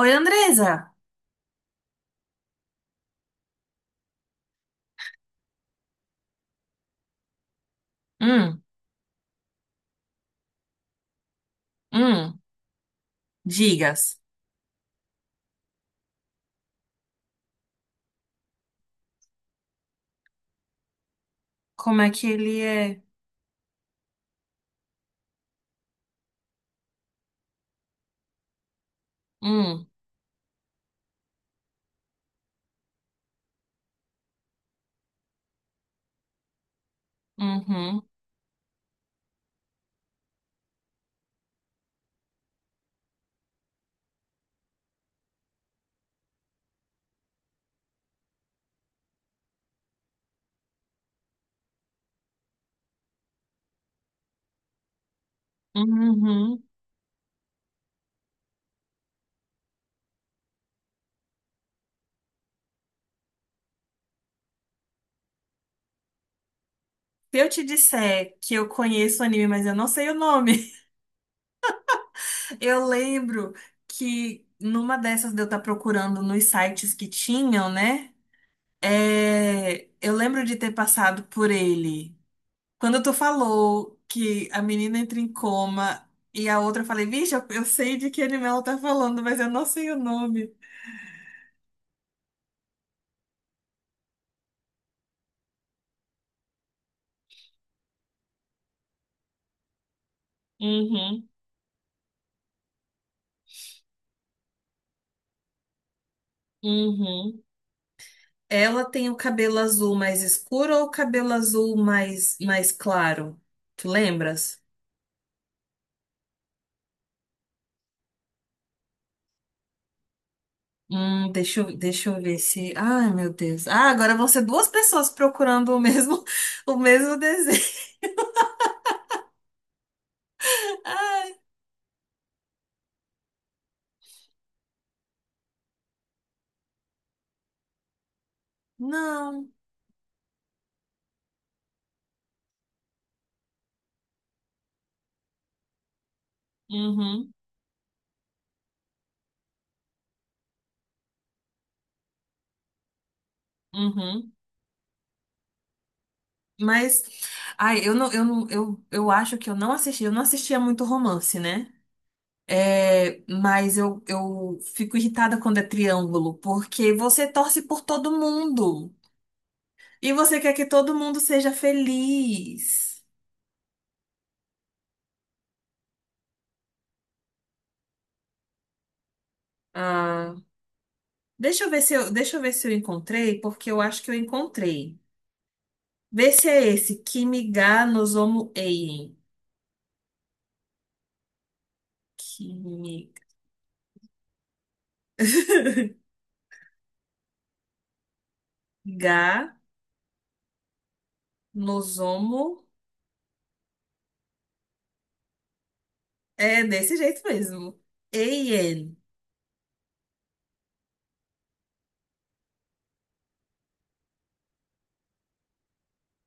Oi, Andresa. Hum. Hum. Digas, como é que ele é? Hum. Uhum. Uhum. Se eu te disser que eu conheço o anime, mas eu não sei o nome, eu lembro que numa dessas de eu estar procurando nos sites que tinham, né? É, eu lembro de ter passado por ele. Quando tu falou que a menina entra em coma e a outra, eu falei, vixe, eu sei de que anime ela tá falando, mas eu não sei o nome. Uhum. Uhum. Ela tem o cabelo azul mais escuro ou o cabelo azul mais claro? Tu lembras? Deixa eu ver se. Ai, meu Deus. Ah, agora vão ser duas pessoas procurando o mesmo, o mesmo desenho. Ai, não. Uhum. Uhum. Mas, ai, eu acho que eu não assisti, eu não assistia muito romance, né? É, mas eu fico irritada quando é triângulo, porque você torce por todo mundo. E você quer que todo mundo seja feliz. Ah, deixa eu ver se eu encontrei, porque eu acho que eu encontrei. Vê se é esse. Kimiga nozomu eien. Kimi- Ga nozomu. É desse jeito mesmo. Eien.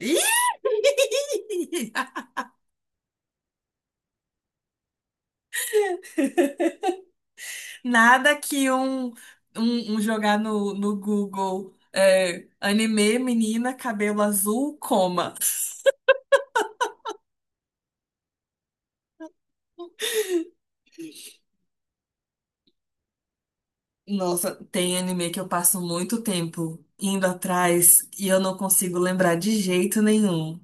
Ih! Nada que um jogar no Google é, anime, menina, cabelo azul, coma. Nossa, tem anime que eu passo muito tempo indo atrás e eu não consigo lembrar de jeito nenhum.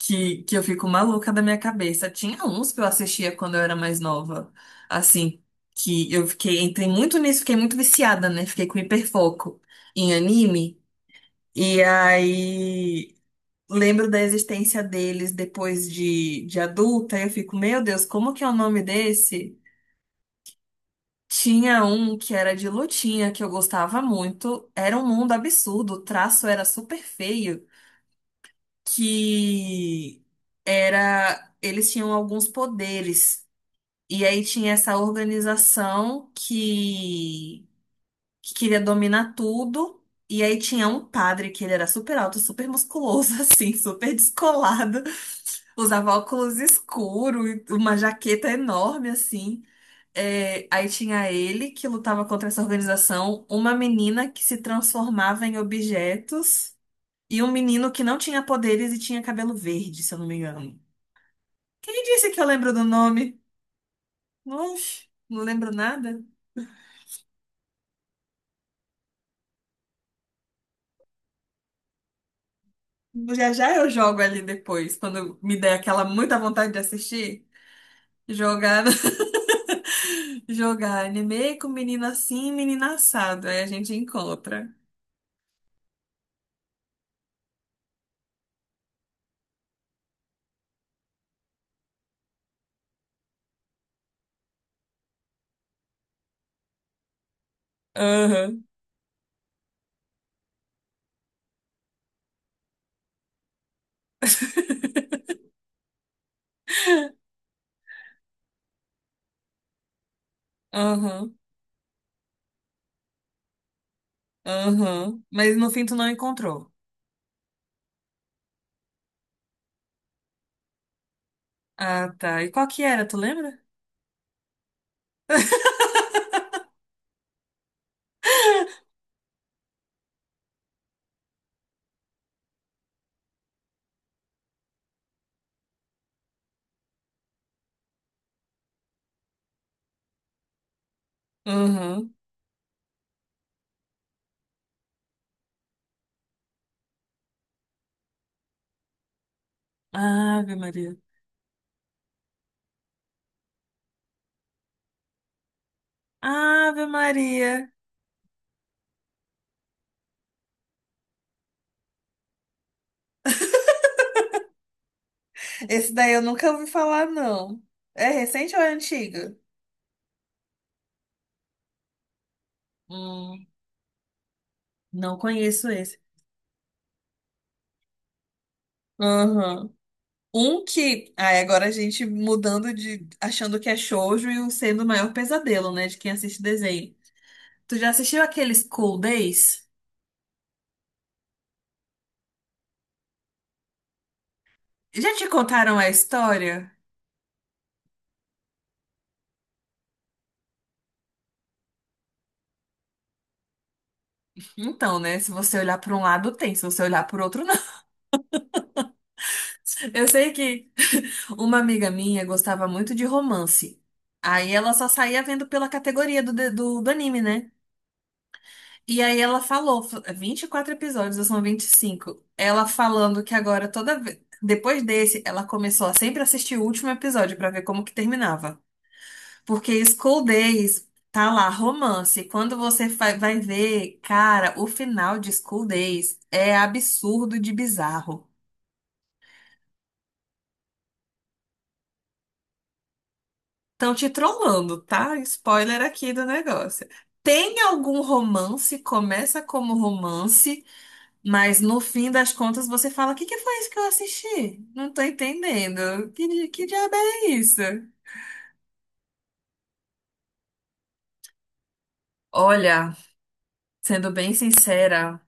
Que eu fico maluca da minha cabeça. Tinha uns que eu assistia quando eu era mais nova. Assim, que eu fiquei, entrei muito nisso, fiquei muito viciada, né? Fiquei com hiperfoco em anime. E aí lembro da existência deles de adulta. E eu fico, meu Deus, como que é o nome desse? Tinha um que era de lutinha que eu gostava muito. Era um mundo absurdo, o traço era super feio, que era eles tinham alguns poderes. E aí tinha essa organização que queria dominar tudo. E aí tinha um padre que ele era super alto, super musculoso, assim, super descolado. Usava óculos escuros, uma jaqueta enorme, assim. É, aí tinha ele que lutava contra essa organização, uma menina que se transformava em objetos e um menino que não tinha poderes e tinha cabelo verde, se eu não me engano. Quem disse que eu lembro do nome? Oxe, não lembro nada. Já já eu jogo ali depois, quando me der aquela muita vontade de assistir, jogar, jogar anime com menino assim e menina assado. Aí a gente encontra. Aham. Aham, aham. Mas no fim tu não encontrou. Ah, tá. E qual que era, tu lembra? Uhum. Ave Maria. Ave Maria. Esse daí eu nunca ouvi falar, não. É recente ou é antigo? Hum, não conheço esse. Aham. Um que. Aí agora a gente mudando de, achando que é shoujo e o sendo o maior pesadelo, né? De quem assiste desenho. Tu já assistiu aqueles School Days? Já te contaram a história? Então, né? Se você olhar por um lado, tem. Se você olhar por outro, não. Eu sei que uma amiga minha gostava muito de romance. Aí ela só saía vendo pela categoria do anime, né? E aí ela falou, 24 episódios, ou são 25. Ela falando que agora toda vez. Depois desse, ela começou a sempre assistir o último episódio pra ver como que terminava. Porque School Days tá lá, romance. Quando você vai ver, cara, o final de School Days é absurdo de bizarro. Estão te trollando, tá? Spoiler aqui do negócio. Tem algum romance, começa como romance, mas no fim das contas você fala: O que que foi isso que eu assisti? Não tô entendendo. Que diabo é isso? Olha, sendo bem sincera,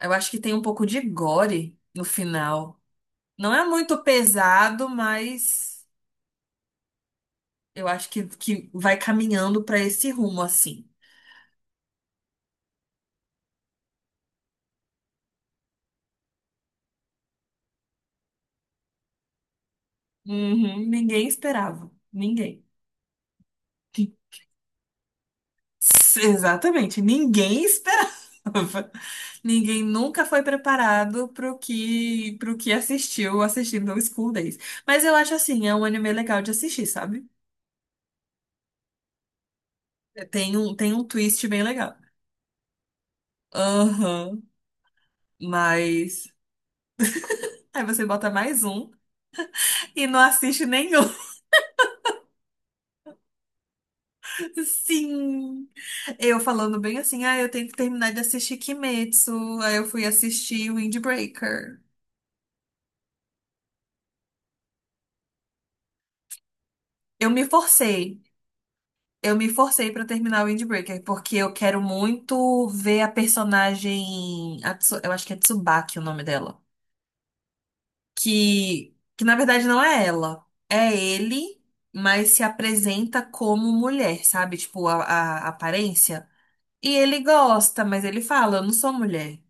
eu acho que tem um pouco de gore no final. Não é muito pesado, mas eu acho que vai caminhando pra esse rumo assim. Uhum, ninguém esperava. Ninguém. Exatamente, ninguém esperava. Ninguém nunca foi preparado pro que assistiu assistindo ao School Days. Mas eu acho assim, é um anime legal de assistir, sabe? É, tem um twist bem legal. Aham, mas. Aí você bota mais um e não assiste nenhum. Sim! Eu falando bem assim, ah, eu tenho que terminar de assistir Kimetsu. Aí eu fui assistir Windbreaker. Eu me forcei. Eu me forcei pra terminar o Windbreaker, porque eu quero muito ver a personagem. Eu acho que é Tsubaki o nome dela. Que na verdade não é ela. É ele, mas se apresenta como mulher, sabe? Tipo, a aparência. E ele gosta, mas ele fala: Eu não sou mulher.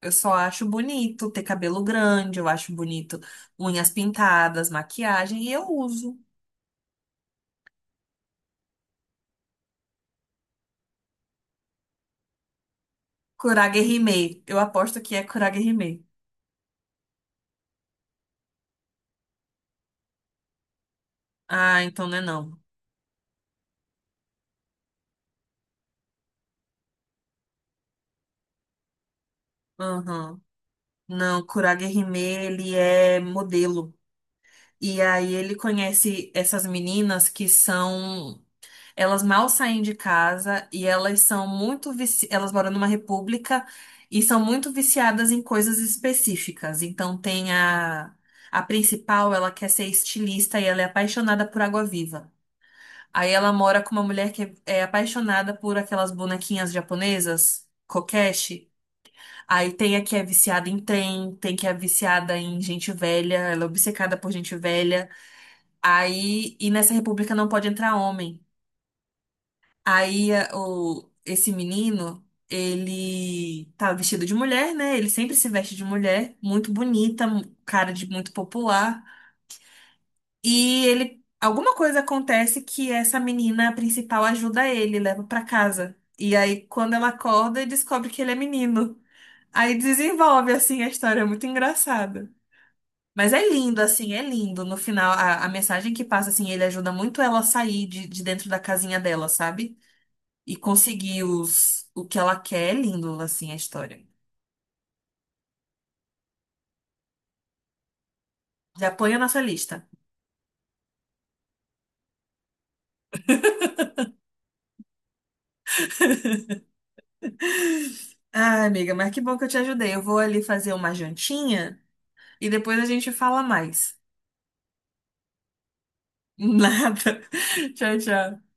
Eu só acho bonito ter cabelo grande, eu acho bonito unhas pintadas, maquiagem, e eu uso. Kurage Hime. Eu aposto que é Kurage Hime. Ah, então não é não. Aham. Não, Kurage Hime, ele é modelo. E aí ele conhece essas meninas que são. Elas mal saem de casa e elas são muito vici... elas moram numa república e são muito viciadas em coisas específicas. Então tem a principal, ela quer ser estilista e ela é apaixonada por água-viva. Aí ela mora com uma mulher que é apaixonada por aquelas bonequinhas japonesas, kokeshi. Aí tem a que é viciada em trem, tem que é viciada em gente velha, ela é obcecada por gente velha. Aí, e nessa república não pode entrar homem. Aí o, esse menino, ele tá vestido de mulher, né? Ele sempre se veste de mulher, muito bonita, cara de muito popular. E ele, alguma coisa acontece que essa menina principal ajuda ele, leva pra casa. E aí, quando ela acorda, ele descobre que ele é menino. Aí desenvolve, assim, a história, é muito engraçada. Mas é lindo, assim, é lindo. No final, a mensagem que passa, assim, ele ajuda muito ela a sair de dentro da casinha dela, sabe? E conseguir os, o que ela quer. É lindo, assim, a história. Já põe a nossa lista. Ah, amiga, mas que bom que eu te ajudei. Eu vou ali fazer uma jantinha e depois a gente fala mais. Nada. Tchau, tchau.